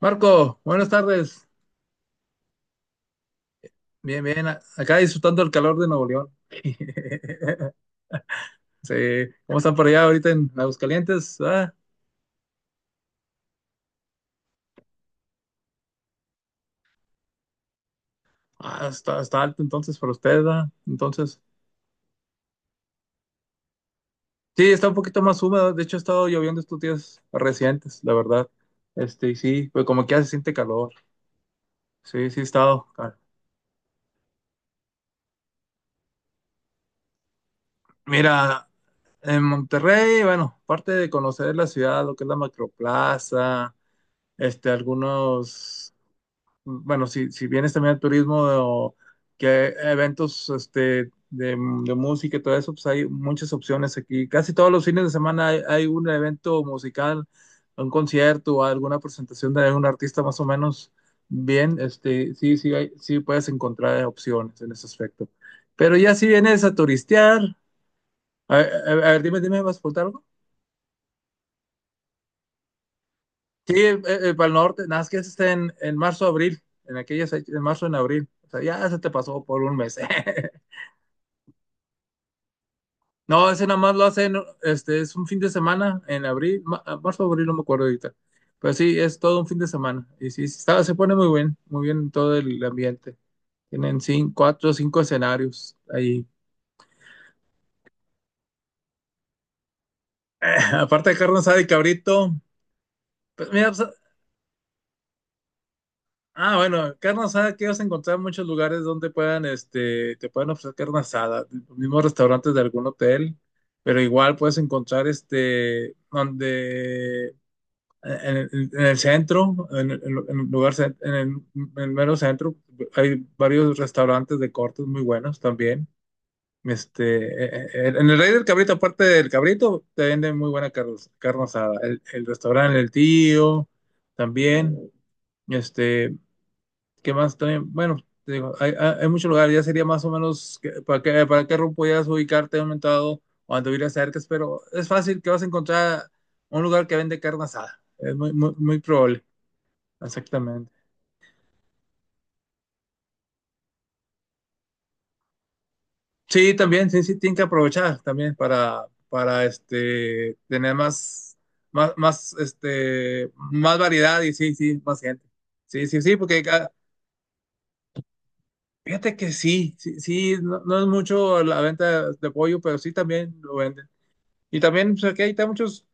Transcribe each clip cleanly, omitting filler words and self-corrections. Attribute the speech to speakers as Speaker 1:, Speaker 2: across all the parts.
Speaker 1: Marco, buenas tardes. Bien, bien. Acá disfrutando el calor de Nuevo León. Sí, ¿cómo están por allá ahorita en Aguascalientes? Ah, está alto entonces para ustedes, ¿verdad? Entonces, sí, está un poquito más húmedo. De hecho, ha estado lloviendo estos días recientes, la verdad. Este, y sí, pues como que ya se siente calor. Sí, sí, ha estado. Mira, en Monterrey, bueno, aparte de conocer la ciudad, lo que es la Macroplaza, este, algunos, bueno, si vienes también al turismo o que eventos, este, de música y todo eso, pues hay muchas opciones aquí. Casi todos los fines de semana hay un evento musical, un concierto o alguna presentación de algún artista más o menos bien. Este, sí, sí, sí puedes encontrar opciones en ese aspecto. Pero ya si vienes a turistear, a ver, dime, dime, ¿vas a preguntar algo? Sí, para el norte, nada más que está en marzo, abril, en marzo, en abril. O sea, ya se te pasó por un mes. No, ese nada más lo hacen, este, es un fin de semana en abril, marzo, abril, no me acuerdo ahorita. Pero sí, es todo un fin de semana. Y sí, sí, se pone muy bien todo el ambiente. Tienen cinco, cuatro o cinco escenarios ahí. Aparte de carne asada y cabrito, pues mira, pues, ah, bueno, carne asada que vas a encontrar en muchos lugares donde puedan, este, te pueden ofrecer carne asada, los mismos restaurantes de algún hotel, pero igual puedes encontrar, este, donde, en el centro, en el lugar, en el, mero centro, hay varios restaurantes de cortes muy buenos también. Este, en el Rey del Cabrito, aparte del Cabrito, te venden muy buena carne, carne asada. El restaurante El Tío, también. Este, ¿qué más también? Bueno, te digo, hay muchos lugares, ya sería más o menos para qué rumbo podías ubicarte aumentado o momento cuando cerca, pero es fácil que vas a encontrar un lugar que vende carne asada. Es muy, muy, muy probable, exactamente. Sí, también, sí, sí, tienen que aprovechar también para este, tener más variedad y sí, sí, más gente. Sí, sí, sí, porque fíjate que sí, sí, sí, no, no es mucho la venta de pollo, pero sí también lo venden. Y también, pues aquí hay muchos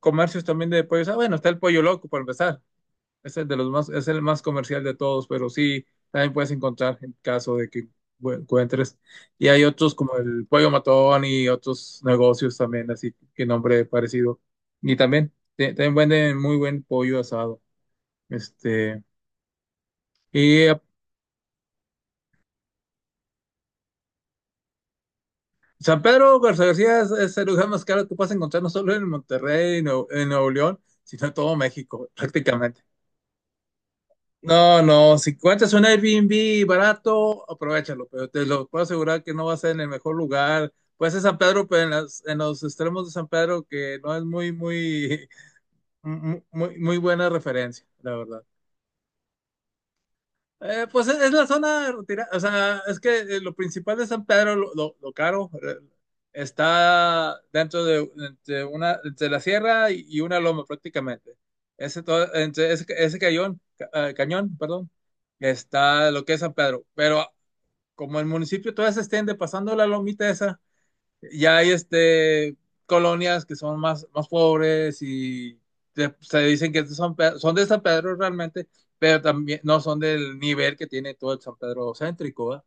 Speaker 1: comercios también de pollos. Ah, bueno, está el pollo loco para empezar. Es el más comercial de todos, pero sí, también puedes encontrar en caso de que encuentres. Y hay otros como el pollo matón y otros negocios también, así que nombre parecido. Y también, también venden muy buen pollo asado. Este, y San Pedro Garza García es el lugar más caro que puedes encontrar no solo en Monterrey, en Nuevo León, sino en todo México, prácticamente. No, no, si encuentras un Airbnb barato, aprovechalo, pero te lo puedo asegurar que no va a ser en el mejor lugar. Puede ser San Pedro, pero en los extremos de San Pedro, que no es muy, muy, muy, muy buena referencia, la verdad. Pues es la zona retirada, o sea, es que lo principal de San Pedro, lo caro, está dentro de, entre la sierra y una loma prácticamente. Ese, entre ese cañón, cañón, perdón, está lo que es San Pedro, pero como el municipio todavía se extiende pasando la lomita esa, ya hay este, colonias que son más, más pobres y se dicen que son de San Pedro realmente, pero también no son del nivel que tiene todo el San Pedro céntrico, ¿va?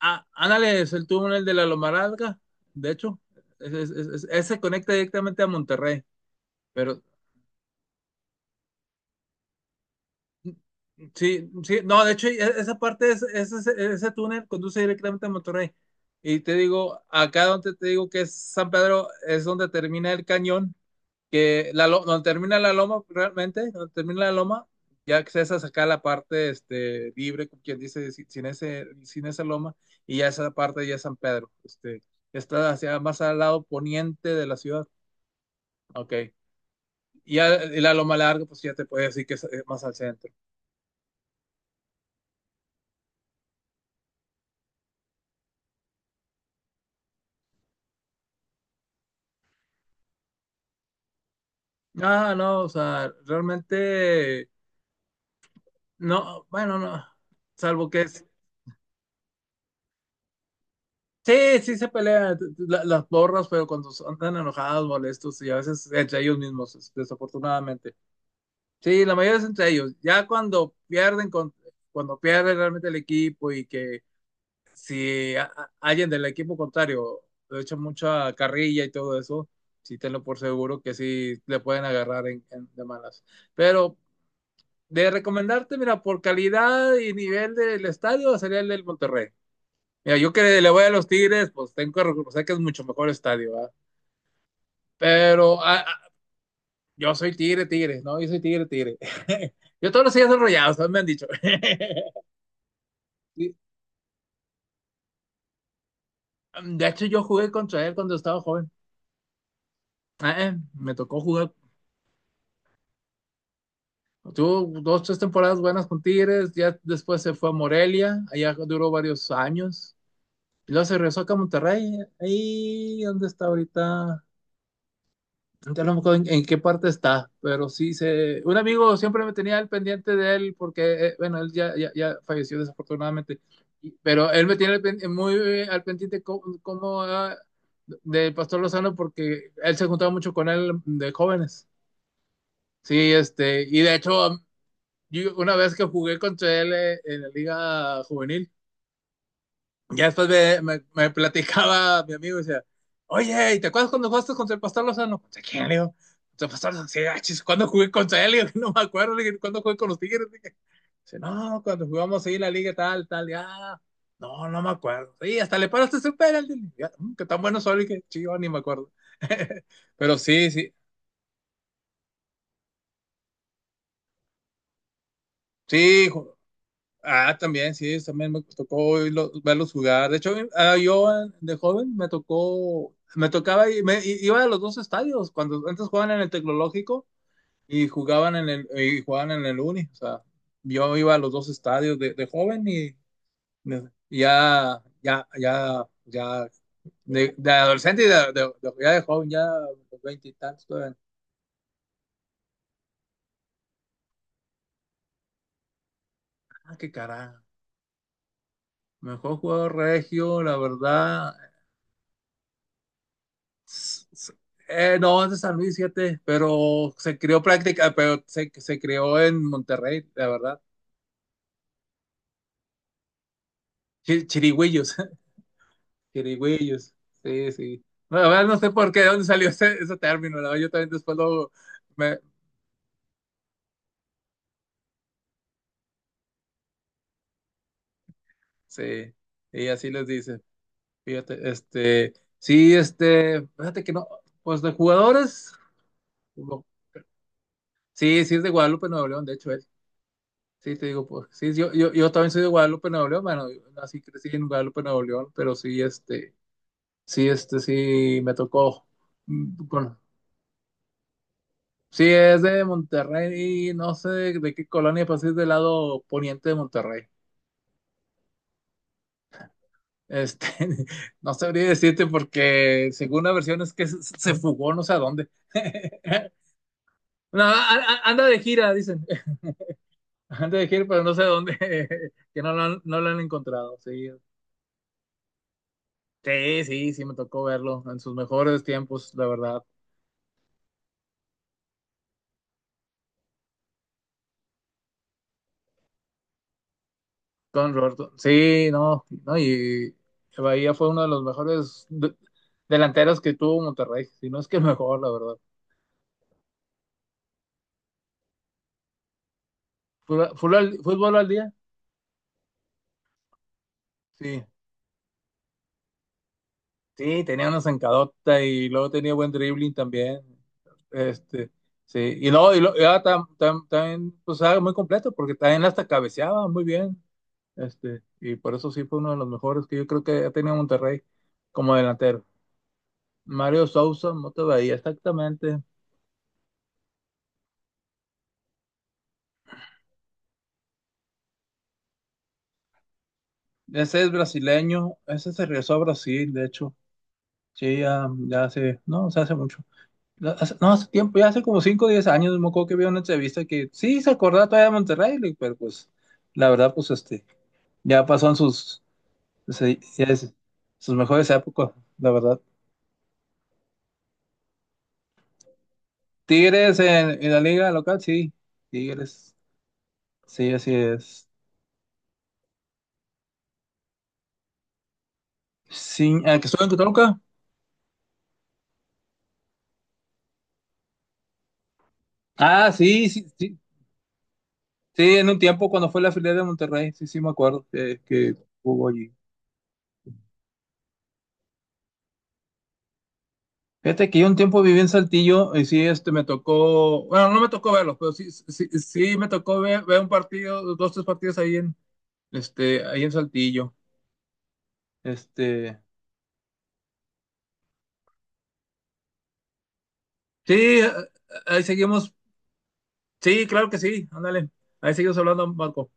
Speaker 1: Ah, ándale, es el túnel de la Lomaralga, de hecho, ese es- ese conecta directamente a Monterrey, pero sí, sí, no, de hecho, esa parte, ese túnel conduce directamente a Monterrey. Y te digo, acá donde te digo que es San Pedro, es donde termina el cañón, donde termina la loma, realmente, donde termina la loma, ya accesas acá a sacar la parte este, libre, como quien dice, sin esa loma, y ya esa parte ya es San Pedro. Este, está hacia más al lado poniente de la ciudad. Ok. Y la loma larga, pues ya te puede decir que es más al centro. Ah, no, o sea, realmente, no, bueno, no, salvo que es. Sí, sí se pelean las borras, pero cuando tan enojados, molestos y a veces entre ellos mismos, desafortunadamente. Sí, la mayoría es entre ellos. Ya cuando pierden, cuando pierde realmente el equipo y que si alguien del equipo contrario le echa mucha carrilla y todo eso, sí tenlo por seguro que sí le pueden agarrar en, de malas. Pero de recomendarte, mira, por calidad y nivel del estadio sería el del Monterrey. Mira, yo que le voy a los Tigres, pues tengo que reconocer que es mucho mejor estadio, ¿verdad? Pero yo soy Tigre, Tigre, ¿no? Yo soy Tigre, Tigre. Yo todos los días soy Rayados, me han dicho. Sí. De hecho, yo jugué contra él cuando estaba joven. Me tocó jugar. Tuvo dos, tres temporadas buenas con Tigres. Ya después se fue a Morelia. Allá duró varios años. Y luego se regresó acá a Monterrey. Ahí, ¿dónde está ahorita? Ya no me acuerdo en qué parte está, pero sí. Un amigo siempre me tenía al pendiente de él porque, bueno, él ya, ya falleció desafortunadamente, pero él me tiene muy al pendiente como, del Pastor Lozano porque él se juntaba mucho con él de jóvenes. Sí, este, y de hecho, yo una vez que jugué contra él en la liga juvenil, ya después me platicaba mi amigo y decía, oye, ¿y te acuerdas cuando jugaste contra el Pastor Lozano? ¿Contra quién, le digo? Contra el Pastor Lozano. Sí, ah, chis, ¿cuándo jugué contra él? Le digo, no me acuerdo, le dije, ¿cuándo jugué con los Tigres? Le dije, dice, no, cuando jugamos ahí en la liga tal, tal, ya. No, no me acuerdo. Sí, hasta le paraste su penalti. Ya, que tan bueno soy, que chido, ni me acuerdo. Pero sí, sí, sí, ah, también, sí, también me tocó verlos jugar. De hecho, yo de joven me tocó, me tocaba y me iba a los dos estadios. Cuando antes jugaban en el Tecnológico y jugaban en el Uni. O sea, yo iba a los dos estadios de, joven y ya de, adolescente y ya de joven, ya los veinte y tantos todavía. Ah, qué carajo. Mejor jugador regio, la verdad. S- no, es de San Luis, fíjate, pero se creó práctica, pero se creó en Monterrey, la verdad. Chirigüillos, chirigüillos, sí, sí. No, la verdad no sé por qué, de dónde salió ese término, la verdad, yo también después lo, me, sí, y así les dice, fíjate, este, sí, este, fíjate que no, pues de jugadores, no. Sí, sí es de Guadalupe, Nuevo León, de hecho, él. Sí, te digo, pues, sí, yo también soy de Guadalupe, Nuevo León, bueno, yo así crecí en Guadalupe, Nuevo León, pero sí, este, sí, este sí me tocó. Mm, sí, es de Monterrey, no sé de qué colonia, pero sí es del lado poniente de Monterrey. Este, no sabría decirte porque según la versión es que se fugó no sé a dónde. No, anda de gira, dicen. Anda de gira, pero no sé a dónde, que no lo han encontrado. Sí, sí, sí, sí me tocó verlo en sus mejores tiempos, la verdad. Con Roberto. Sí, no, no, y Bahía fue uno de los mejores delanteros que tuvo Monterrey, si no es que el mejor, la verdad. Al fútbol al día, sí. Sí, tenía una zancadota y luego tenía buen dribbling también. Este, sí, y luego, y ahora también, pues era muy completo, porque también hasta cabeceaba muy bien. Este, y por eso sí fue uno de los mejores que yo creo que ha tenido Monterrey como delantero. Mario Sousa, Mota Bahía, exactamente. Ese es brasileño, ese se regresó a Brasil, de hecho. Sí, ya hace, no, o sea, hace mucho. No, hace, no, hace tiempo, ya hace como 5, o 10 años, me acuerdo que vi una entrevista que sí se acordaba todavía de Monterrey, pero pues la verdad, pues este, ya pasó en sus, se- ya es- sus mejores épocas, la verdad. Tigres en la liga local, sí, Tigres, sí, así es. Sí, ¿a que estuvo en Toluca? Ah, sí, sí, sí, sí, en un tiempo cuando fue la filial de Monterrey, sí, sí, me acuerdo que hubo allí. Fíjate que yo un tiempo viví en Saltillo y sí, este, me tocó, bueno, no me tocó verlos, pero sí, sí, sí me tocó ver, un partido, dos, tres partidos ahí en, este, ahí en Saltillo. Este, sí, eh, ahí seguimos, sí, claro que sí, ándale, ahí seguimos hablando, Marco.